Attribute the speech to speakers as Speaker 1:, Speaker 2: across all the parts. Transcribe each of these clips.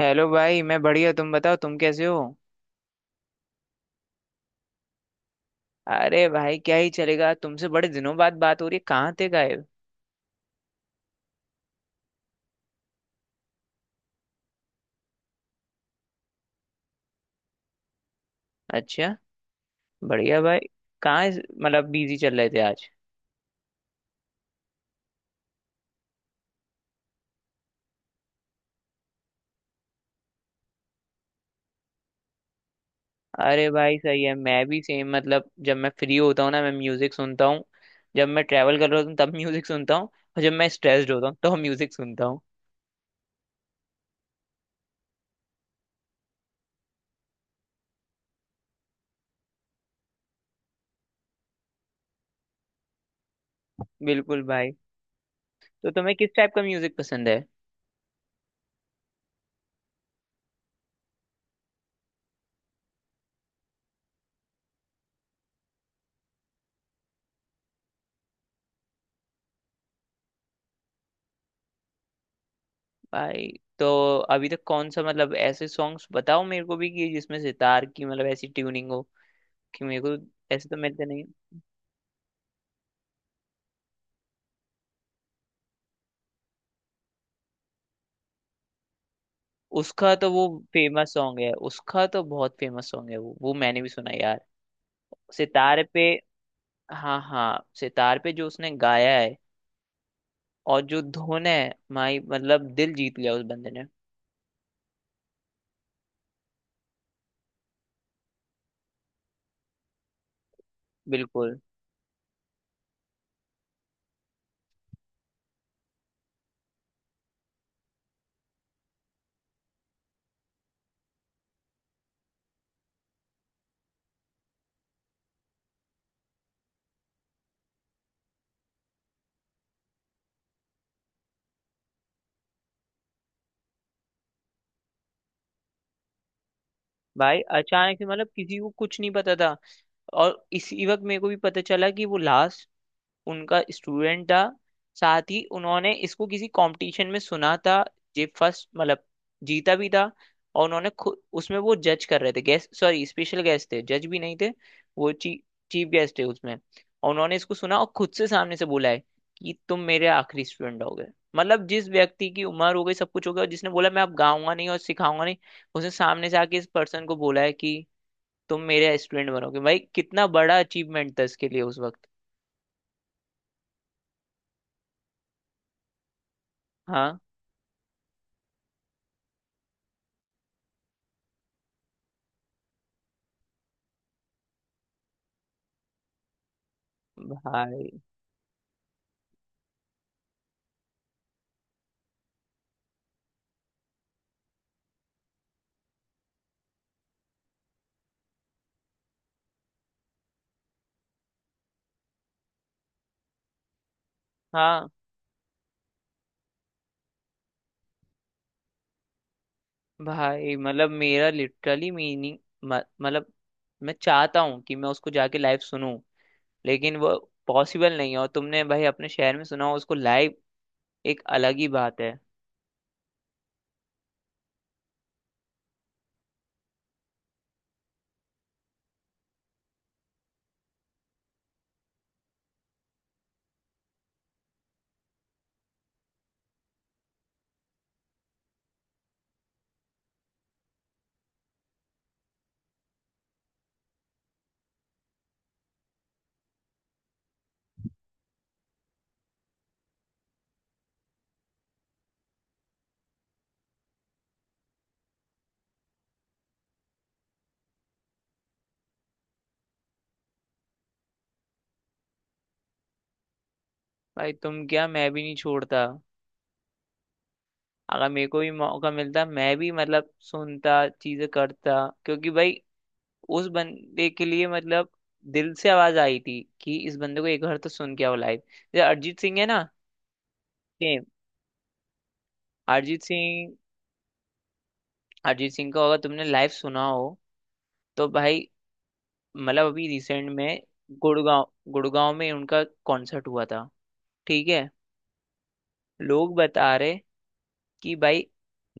Speaker 1: Hello भाई। मैं बढ़िया, तुम बताओ, तुम कैसे हो? अरे भाई, क्या ही चलेगा। तुमसे बड़े दिनों बाद बात हो रही है, कहाँ थे गायब? अच्छा, बढ़िया भाई। कहाँ मतलब बिजी चल रहे थे आज? अरे भाई सही है, मैं भी सेम। मतलब जब मैं फ्री होता हूँ ना, मैं म्यूजिक सुनता हूँ। जब मैं ट्रैवल कर रहा होता हूँ तब म्यूजिक सुनता हूँ, और जब मैं स्ट्रेस्ड होता हूँ तो म्यूजिक सुनता हूँ। बिल्कुल भाई। तो तुम्हें किस टाइप का म्यूजिक पसंद है? भाई, तो अभी तक कौन सा, मतलब ऐसे सॉन्ग्स बताओ मेरे को भी, कि जिसमें सितार की मतलब ऐसी ट्यूनिंग हो कि मेरे को, ऐसे तो मिलते नहीं। उसका तो वो फेमस सॉन्ग है, उसका तो बहुत फेमस सॉन्ग है, वो मैंने भी सुना यार। सितार पे, हाँ हाँ, सितार पे जो उसने गाया है, और जो धुन है, माई मतलब दिल जीत लिया उस बंदे ने। बिल्कुल भाई। अचानक से मतलब किसी को कुछ नहीं पता था, और इसी वक्त मेरे को भी पता चला कि वो लास्ट उनका स्टूडेंट था। साथ ही उन्होंने इसको किसी कंपटीशन में सुना था, ये फर्स्ट मतलब जीता भी था, और उन्होंने खुद उसमें वो जज कर रहे थे, गेस्ट, सॉरी, स्पेशल गेस्ट थे, जज भी नहीं थे, वो चीफ गेस्ट थे उसमें। और उन्होंने इसको सुना, और खुद से सामने से बोला है कि तुम मेरे आखिरी स्टूडेंट हो गए। मतलब जिस व्यक्ति की उम्र हो गई, सब कुछ हो गया, और जिसने बोला मैं अब गाऊंगा नहीं और सिखाऊंगा नहीं, उसने सामने से आके इस पर्सन को बोला है कि तुम मेरे स्टूडेंट बनोगे। भाई कितना बड़ा अचीवमेंट था इसके लिए उस वक्त। हाँ भाई, हाँ भाई। मतलब मेरा लिटरली मीनिंग, मतलब मैं चाहता हूँ कि मैं उसको जाके लाइव सुनूं, लेकिन वो पॉसिबल नहीं है। और तुमने भाई अपने शहर में सुना हो उसको लाइव, एक अलग ही बात है। भाई तुम क्या, मैं भी नहीं छोड़ता। अगर मेरे को भी मौका मिलता, मैं भी मतलब सुनता, चीजें करता। क्योंकि भाई, उस बंदे के लिए मतलब दिल से आवाज आई थी कि इस बंदे को एक बार तो सुन के आओ लाइव। जैसे अरिजीत सिंह है ना, सेम। अरिजीत सिंह, अरिजीत सिंह का अगर तुमने लाइव सुना हो, तो भाई, मतलब अभी रिसेंट में, गुड़गांव गुड़गांव में उनका कॉन्सर्ट हुआ था। ठीक है? लोग बता रहे कि भाई,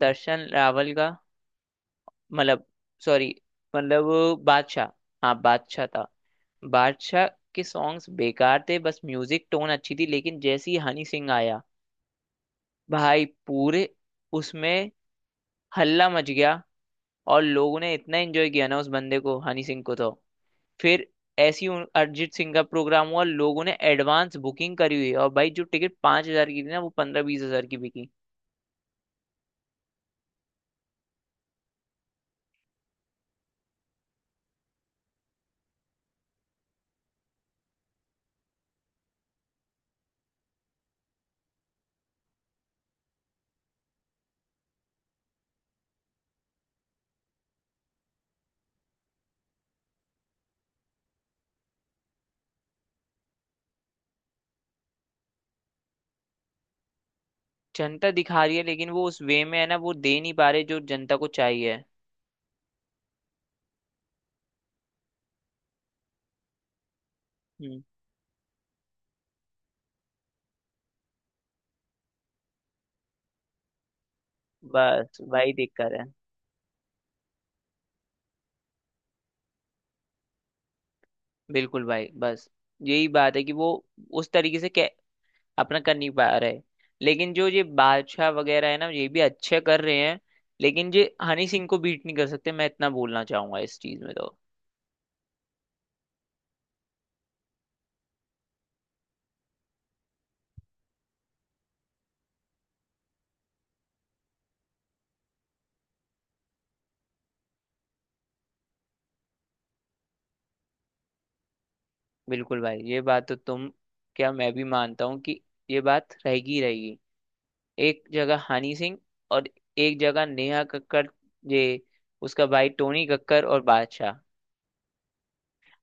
Speaker 1: दर्शन रावल का मतलब, सॉरी, मतलब बादशाह, हाँ, बादशाह था। बादशाह के सॉन्ग्स बेकार थे, बस म्यूजिक टोन अच्छी थी, लेकिन जैसे ही हनी सिंह आया भाई, पूरे उसमें हल्ला मच गया। और लोगों ने इतना एंजॉय किया ना उस बंदे को, हनी सिंह को। तो फिर ऐसी ही अरिजीत सिंह का प्रोग्राम हुआ, लोगों ने एडवांस बुकिंग करी हुई है, और भाई जो टिकट 5,000 की थी ना, वो 15-20 हज़ार की बिकी। जनता दिखा रही है, लेकिन वो उस वे में है ना, वो दे नहीं पा रहे जो जनता को चाहिए। हम्म। बस भाई, दिक्कत है। बिल्कुल भाई। बस यही बात है कि वो उस तरीके से अपना कर नहीं पा रहे। लेकिन जो ये बादशाह वगैरह है ना, ये भी अच्छे कर रहे हैं, लेकिन ये हनी सिंह को बीट नहीं कर सकते, मैं इतना बोलना चाहूंगा इस चीज में तो। बिल्कुल भाई, ये बात तो तुम क्या, मैं भी मानता हूँ कि ये बात रहेगी ही रहेगी। एक जगह हनी सिंह, और एक जगह नेहा कक्कड़, ये उसका भाई टोनी कक्कड़ और बादशाह।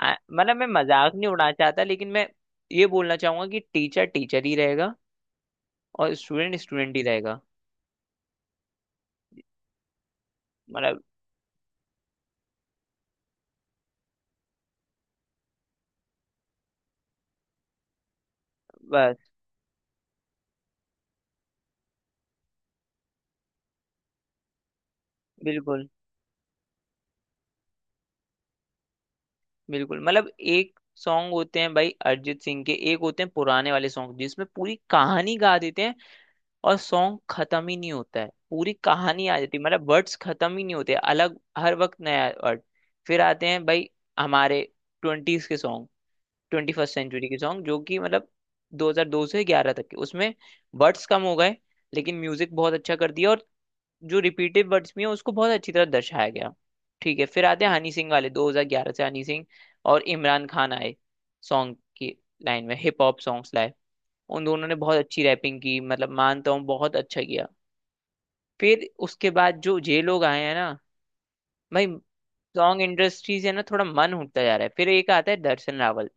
Speaker 1: मतलब मैं मजाक नहीं उड़ाना चाहता, लेकिन मैं ये बोलना चाहूंगा कि टीचर टीचर ही रहेगा, और स्टूडेंट स्टूडेंट ही रहेगा। मतलब बस। बिल्कुल, बिल्कुल। मतलब एक सॉन्ग होते हैं भाई अरिजीत सिंह के, एक होते हैं पुराने वाले सॉन्ग जिसमें पूरी कहानी गा देते हैं, और सॉन्ग खत्म ही नहीं होता है, पूरी कहानी आ जाती है। मतलब वर्ड्स खत्म ही नहीं होते, अलग हर वक्त नया वर्ड। फिर आते हैं भाई हमारे ट्वेंटीज के सॉन्ग, ट्वेंटी फर्स्ट सेंचुरी के सॉन्ग जो कि मतलब 2002 से 11 तक के, उसमें वर्ड्स कम हो गए, लेकिन म्यूजिक बहुत अच्छा कर दिया, और जो रिपीटेड वर्ड्स भी हैं उसको बहुत अच्छी तरह दर्शाया गया। ठीक है? फिर आते हैं हनी सिंह वाले 2011 से। हनी सिंह और इमरान खान आए, सॉन्ग की लाइन में हिप हॉप सॉन्ग्स लाए। उन दोनों ने बहुत अच्छी रैपिंग की, मतलब मानता हूँ बहुत अच्छा किया। फिर उसके बाद जो ये लोग आए हैं ना भाई, सॉन्ग इंडस्ट्री से ना थोड़ा मन उठता जा रहा है। फिर एक आता है दर्शन रावल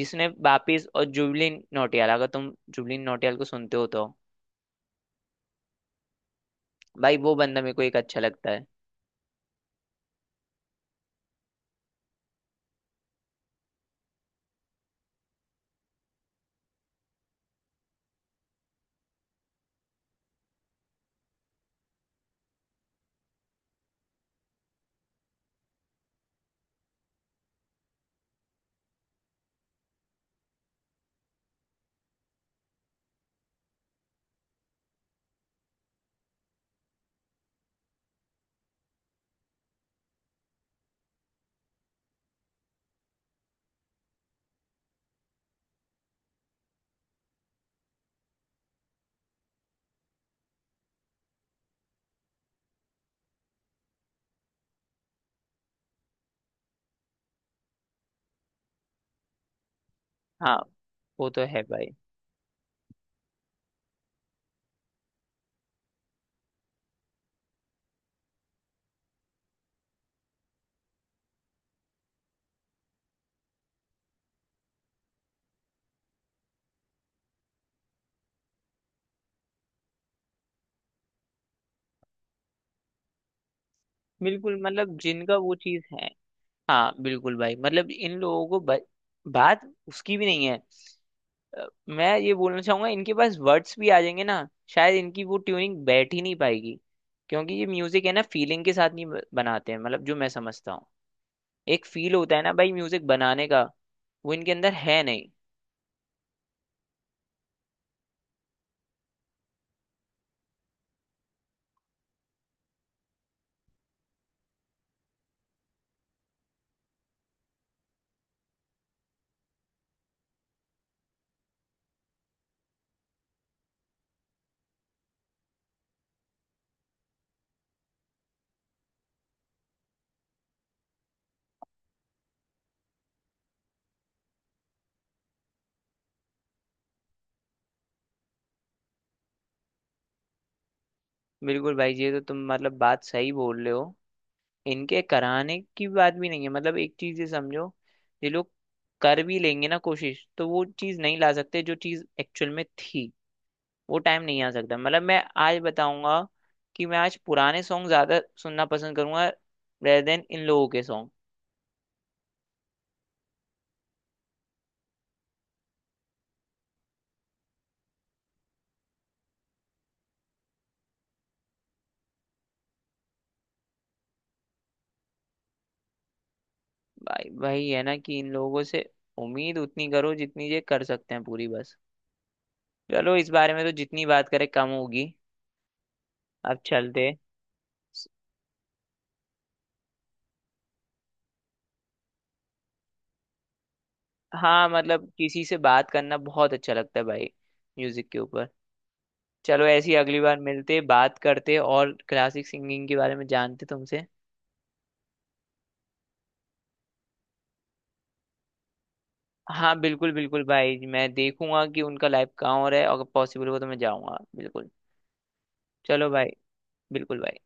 Speaker 1: जिसने वापिस, और जुबलिन नौटियाल, अगर तुम जुबलिन नौटियाल को सुनते हो तो भाई, वो बंदा मेरे को एक अच्छा लगता है। हाँ वो तो है भाई। बिल्कुल, मतलब जिनका वो चीज है। हाँ बिल्कुल भाई, मतलब इन लोगों को बात उसकी भी नहीं है। मैं ये बोलना चाहूंगा इनके पास वर्ड्स भी आ जाएंगे ना, शायद इनकी वो ट्यूनिंग बैठ ही नहीं पाएगी। क्योंकि ये म्यूजिक है ना, फीलिंग के साथ नहीं बनाते हैं, मतलब जो मैं समझता हूँ। एक फील होता है ना भाई म्यूजिक बनाने का, वो इनके अंदर है नहीं। बिल्कुल भाई जी, ये तो तुम मतलब बात सही बोल रहे हो। इनके कराने की बात भी नहीं है, मतलब एक चीज ये समझो, ये लोग कर भी लेंगे ना कोशिश, तो वो चीज नहीं ला सकते जो चीज एक्चुअल में थी। वो टाइम नहीं आ सकता। मतलब मैं आज बताऊंगा कि मैं आज पुराने सॉन्ग ज्यादा सुनना पसंद करूंगा, रेदर देन इन लोगों के सॉन्ग। भाई भाई, है ना कि इन लोगों से उम्मीद उतनी करो जितनी ये कर सकते हैं, पूरी बस। चलो, इस बारे में तो जितनी बात करें कम होगी, अब चलते। हाँ मतलब किसी से बात करना बहुत अच्छा लगता है भाई, म्यूजिक के ऊपर। चलो ऐसी अगली बार मिलते, बात करते, और क्लासिक सिंगिंग के बारे में जानते तुमसे। हाँ बिल्कुल, बिल्कुल भाई, मैं देखूंगा कि उनका लाइव कहाँ हो रहा है, अगर पॉसिबल हो तो मैं जाऊंगा बिल्कुल। चलो भाई, बिल्कुल भाई।